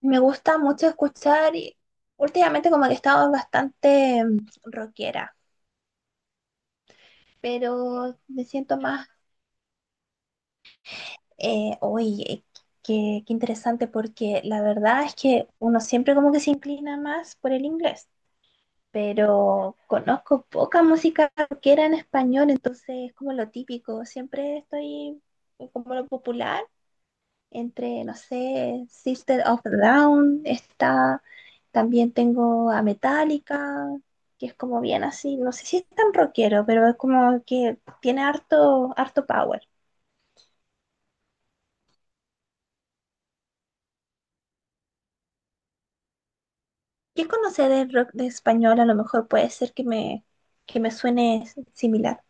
Me gusta mucho escuchar y últimamente como que he estado bastante rockera, pero me siento más, oye, qué interesante porque la verdad es que uno siempre como que se inclina más por el inglés, pero conozco poca música rockera en español, entonces es como lo típico, siempre estoy como lo popular, entre, no sé, Sister of a Down, está, también tengo a Metallica, que es como bien así, no sé si es tan rockero, pero es como que tiene harto, harto power. ¿Qué conoce de rock de español? A lo mejor puede ser que que me suene similar.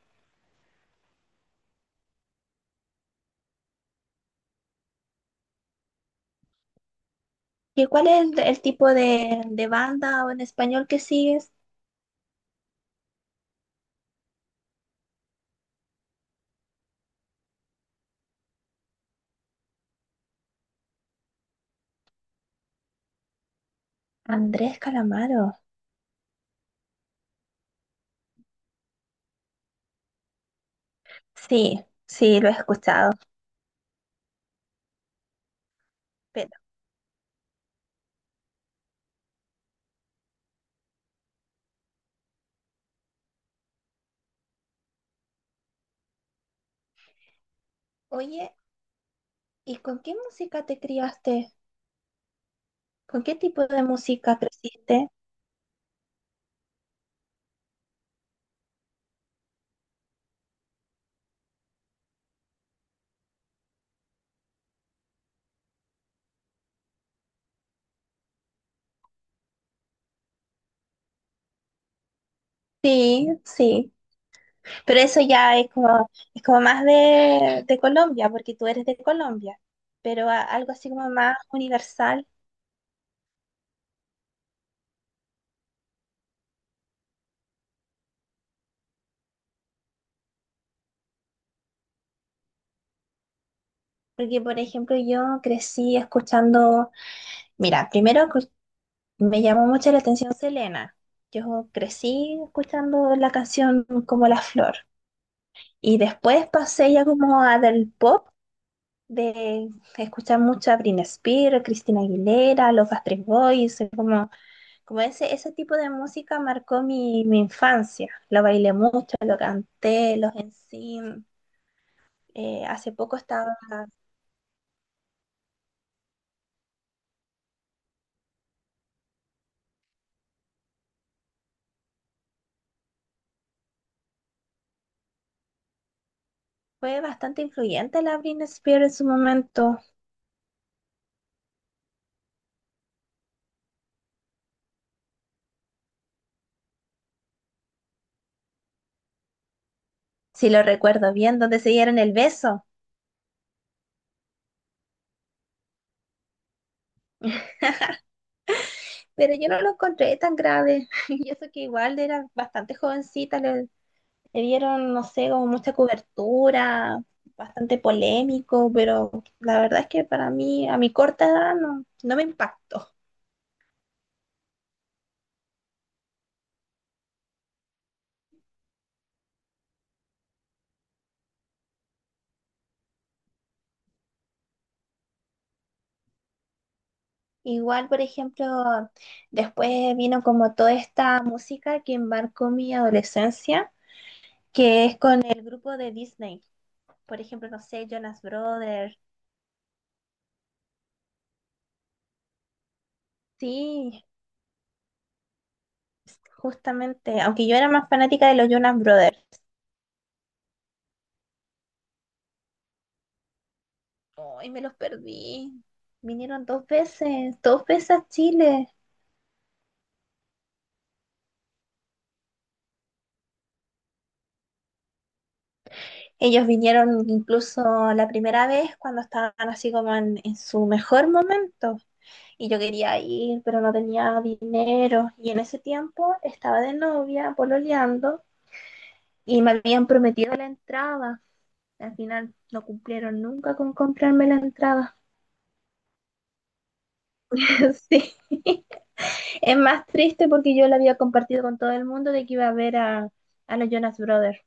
¿Y cuál es el tipo de banda o en español que sigues? Andrés Calamaro. Sí, sí, lo he escuchado. Pero, oye, ¿y con qué música te criaste? ¿Con qué tipo de música creciste? Sí, sí. Pero eso ya es como más de Colombia, porque tú eres de Colombia. Pero algo así como más universal. Porque, por ejemplo, yo crecí escuchando. Mira, me llamó mucho la atención Selena. Yo crecí escuchando la canción Como la flor. Y después pasé ya como a del pop, de escuchar mucho a Britney Spears, Christina Aguilera, los Backstreet Boys, como. Como ese tipo de música marcó mi infancia. Lo bailé mucho, lo canté, los NSYNC. Hace poco estaba, fue bastante influyente la Britney Spears en su momento, si lo recuerdo bien, donde se dieron el beso. Pero yo no lo encontré tan grave. Y eso que igual era bastante jovencita, le dieron, no sé, como mucha cobertura, bastante polémico, pero la verdad es que para mí, a mi corta edad, no, no me impactó. Igual, por ejemplo, después vino como toda esta música que marcó mi adolescencia, que es con el grupo de Disney. Por ejemplo, no sé, Jonas Brothers. Sí, justamente, aunque yo era más fanática de los Jonas Brothers. Ay, me los perdí. Vinieron dos veces a Chile. Ellos vinieron incluso la primera vez cuando estaban así como en su mejor momento. Y yo quería ir, pero no tenía dinero. Y en ese tiempo estaba de novia, pololeando, y me habían prometido la entrada. Al final no cumplieron nunca con comprarme la entrada. Sí. Es más triste porque yo la había compartido con todo el mundo de que iba a ver a los Jonas Brothers.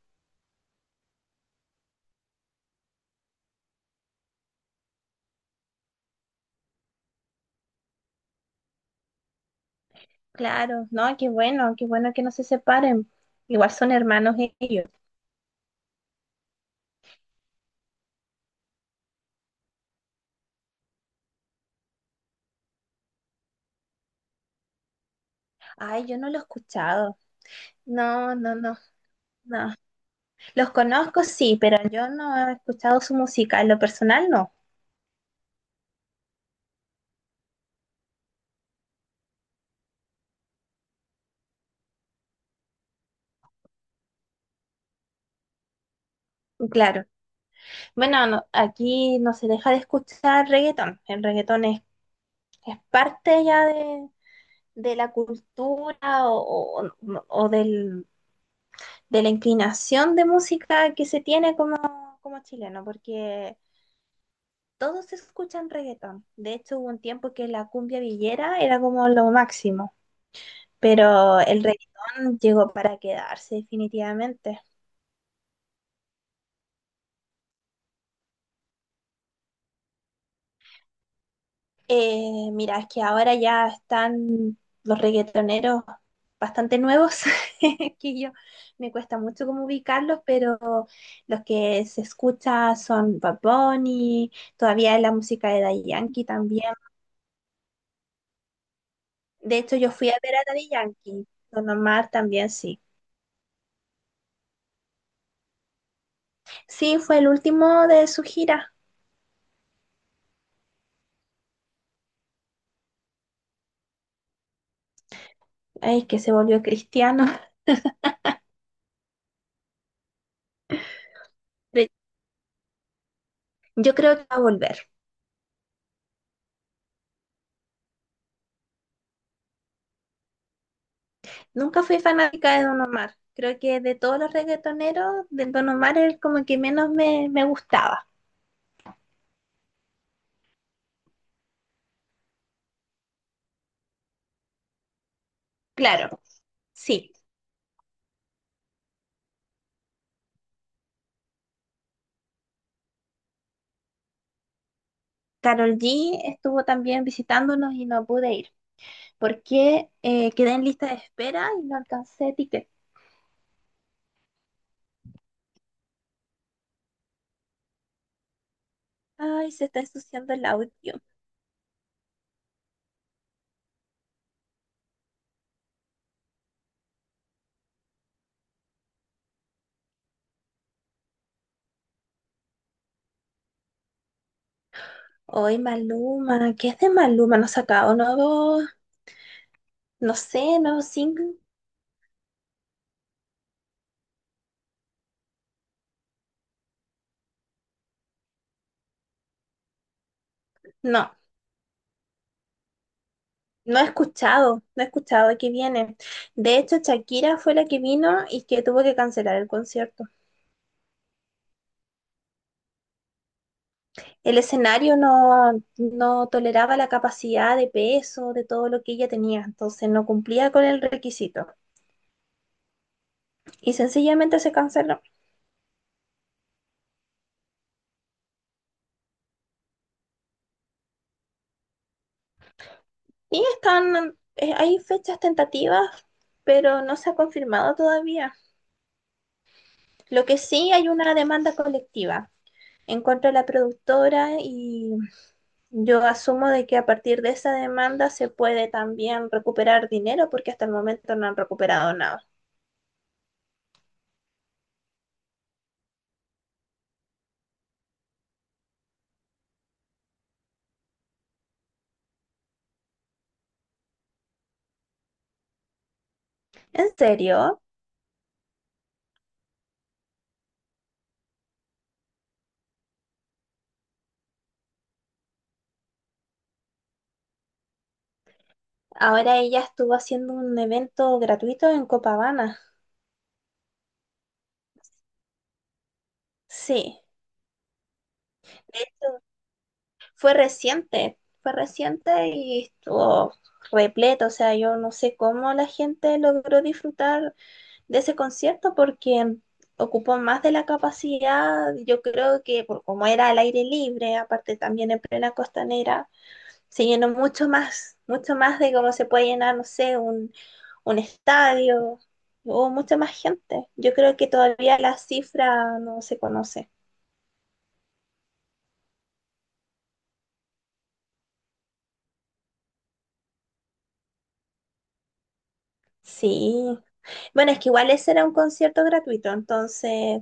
Claro, no, qué bueno que no se separen. Igual son hermanos ellos. Ay, yo no lo he escuchado. No, no, no, no. Los conozco, sí, pero yo no he escuchado su música, en lo personal no, claro. Bueno, aquí no se deja de escuchar reggaetón, el reggaetón es parte ya de la cultura o de la inclinación de música que se tiene como, como chileno, porque todos escuchan reggaetón. De hecho, hubo un tiempo que la cumbia villera era como lo máximo, pero el reggaetón llegó para quedarse definitivamente. Mira, es que ahora ya están los reggaetoneros bastante nuevos, que yo me cuesta mucho como ubicarlos, pero los que se escucha son Bad Bunny, todavía es la música de Daddy Yankee también. De hecho, yo fui a ver a Daddy Yankee, Don Omar también sí. Sí, fue el último de su gira, ay, que se volvió cristiano. Pero yo creo que va a volver. Nunca fui fanática de Don Omar. Creo que de todos los reggaetoneros, del Don Omar es como que menos me gustaba. Claro, sí. Carol G estuvo también visitándonos y no pude ir porque quedé en lista de espera y no alcancé ticket. Ay, se está ensuciando el audio. Hoy Maluma, ¿qué es de Maluma? No ha sacado nuevo, no sé, nuevo single. No, no he escuchado, no he escuchado de qué viene. De hecho, Shakira fue la que vino y que tuvo que cancelar el concierto. El escenario no, no toleraba la capacidad de peso de todo lo que ella tenía, entonces no cumplía con el requisito y sencillamente se canceló. Y están, hay fechas tentativas, pero no se ha confirmado todavía. Lo que sí hay una demanda colectiva en contra de la productora y yo asumo de que a partir de esa demanda se puede también recuperar dinero porque hasta el momento no han recuperado nada. ¿En serio? Ahora ella estuvo haciendo un evento gratuito en Copacabana. Sí, de hecho, fue reciente y estuvo repleto. O sea, yo no sé cómo la gente logró disfrutar de ese concierto porque ocupó más de la capacidad. Yo creo que por como era al aire libre, aparte también en plena costanera, se llenó mucho más de cómo se puede llenar, no sé, un estadio, hubo mucha más gente. Yo creo que todavía la cifra no se conoce. Sí. Bueno, es que igual ese era un concierto gratuito, entonces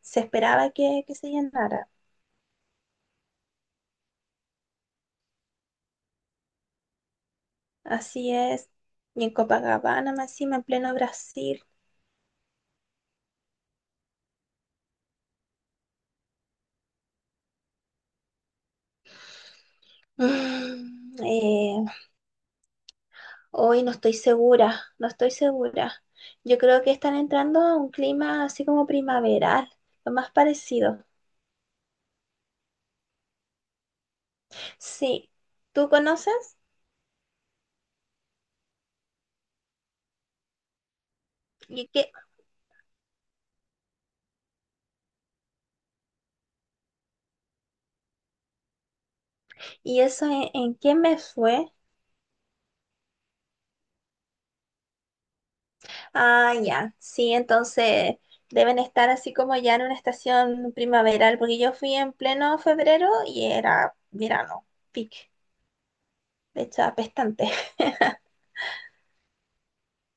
se esperaba que se llenara. Así es. Y en Copacabana, más encima, en pleno Brasil. Mm, eh, Hoy no estoy segura, no estoy segura. Yo creo que están entrando a un clima así como primaveral, lo más parecido. Sí, ¿tú conoces? ¿Y qué, ¿Y eso en qué me fue? Ah, ya, sí, entonces deben estar así como ya en una estación primaveral, porque yo fui en pleno febrero y era verano, pic, de hecho apestante.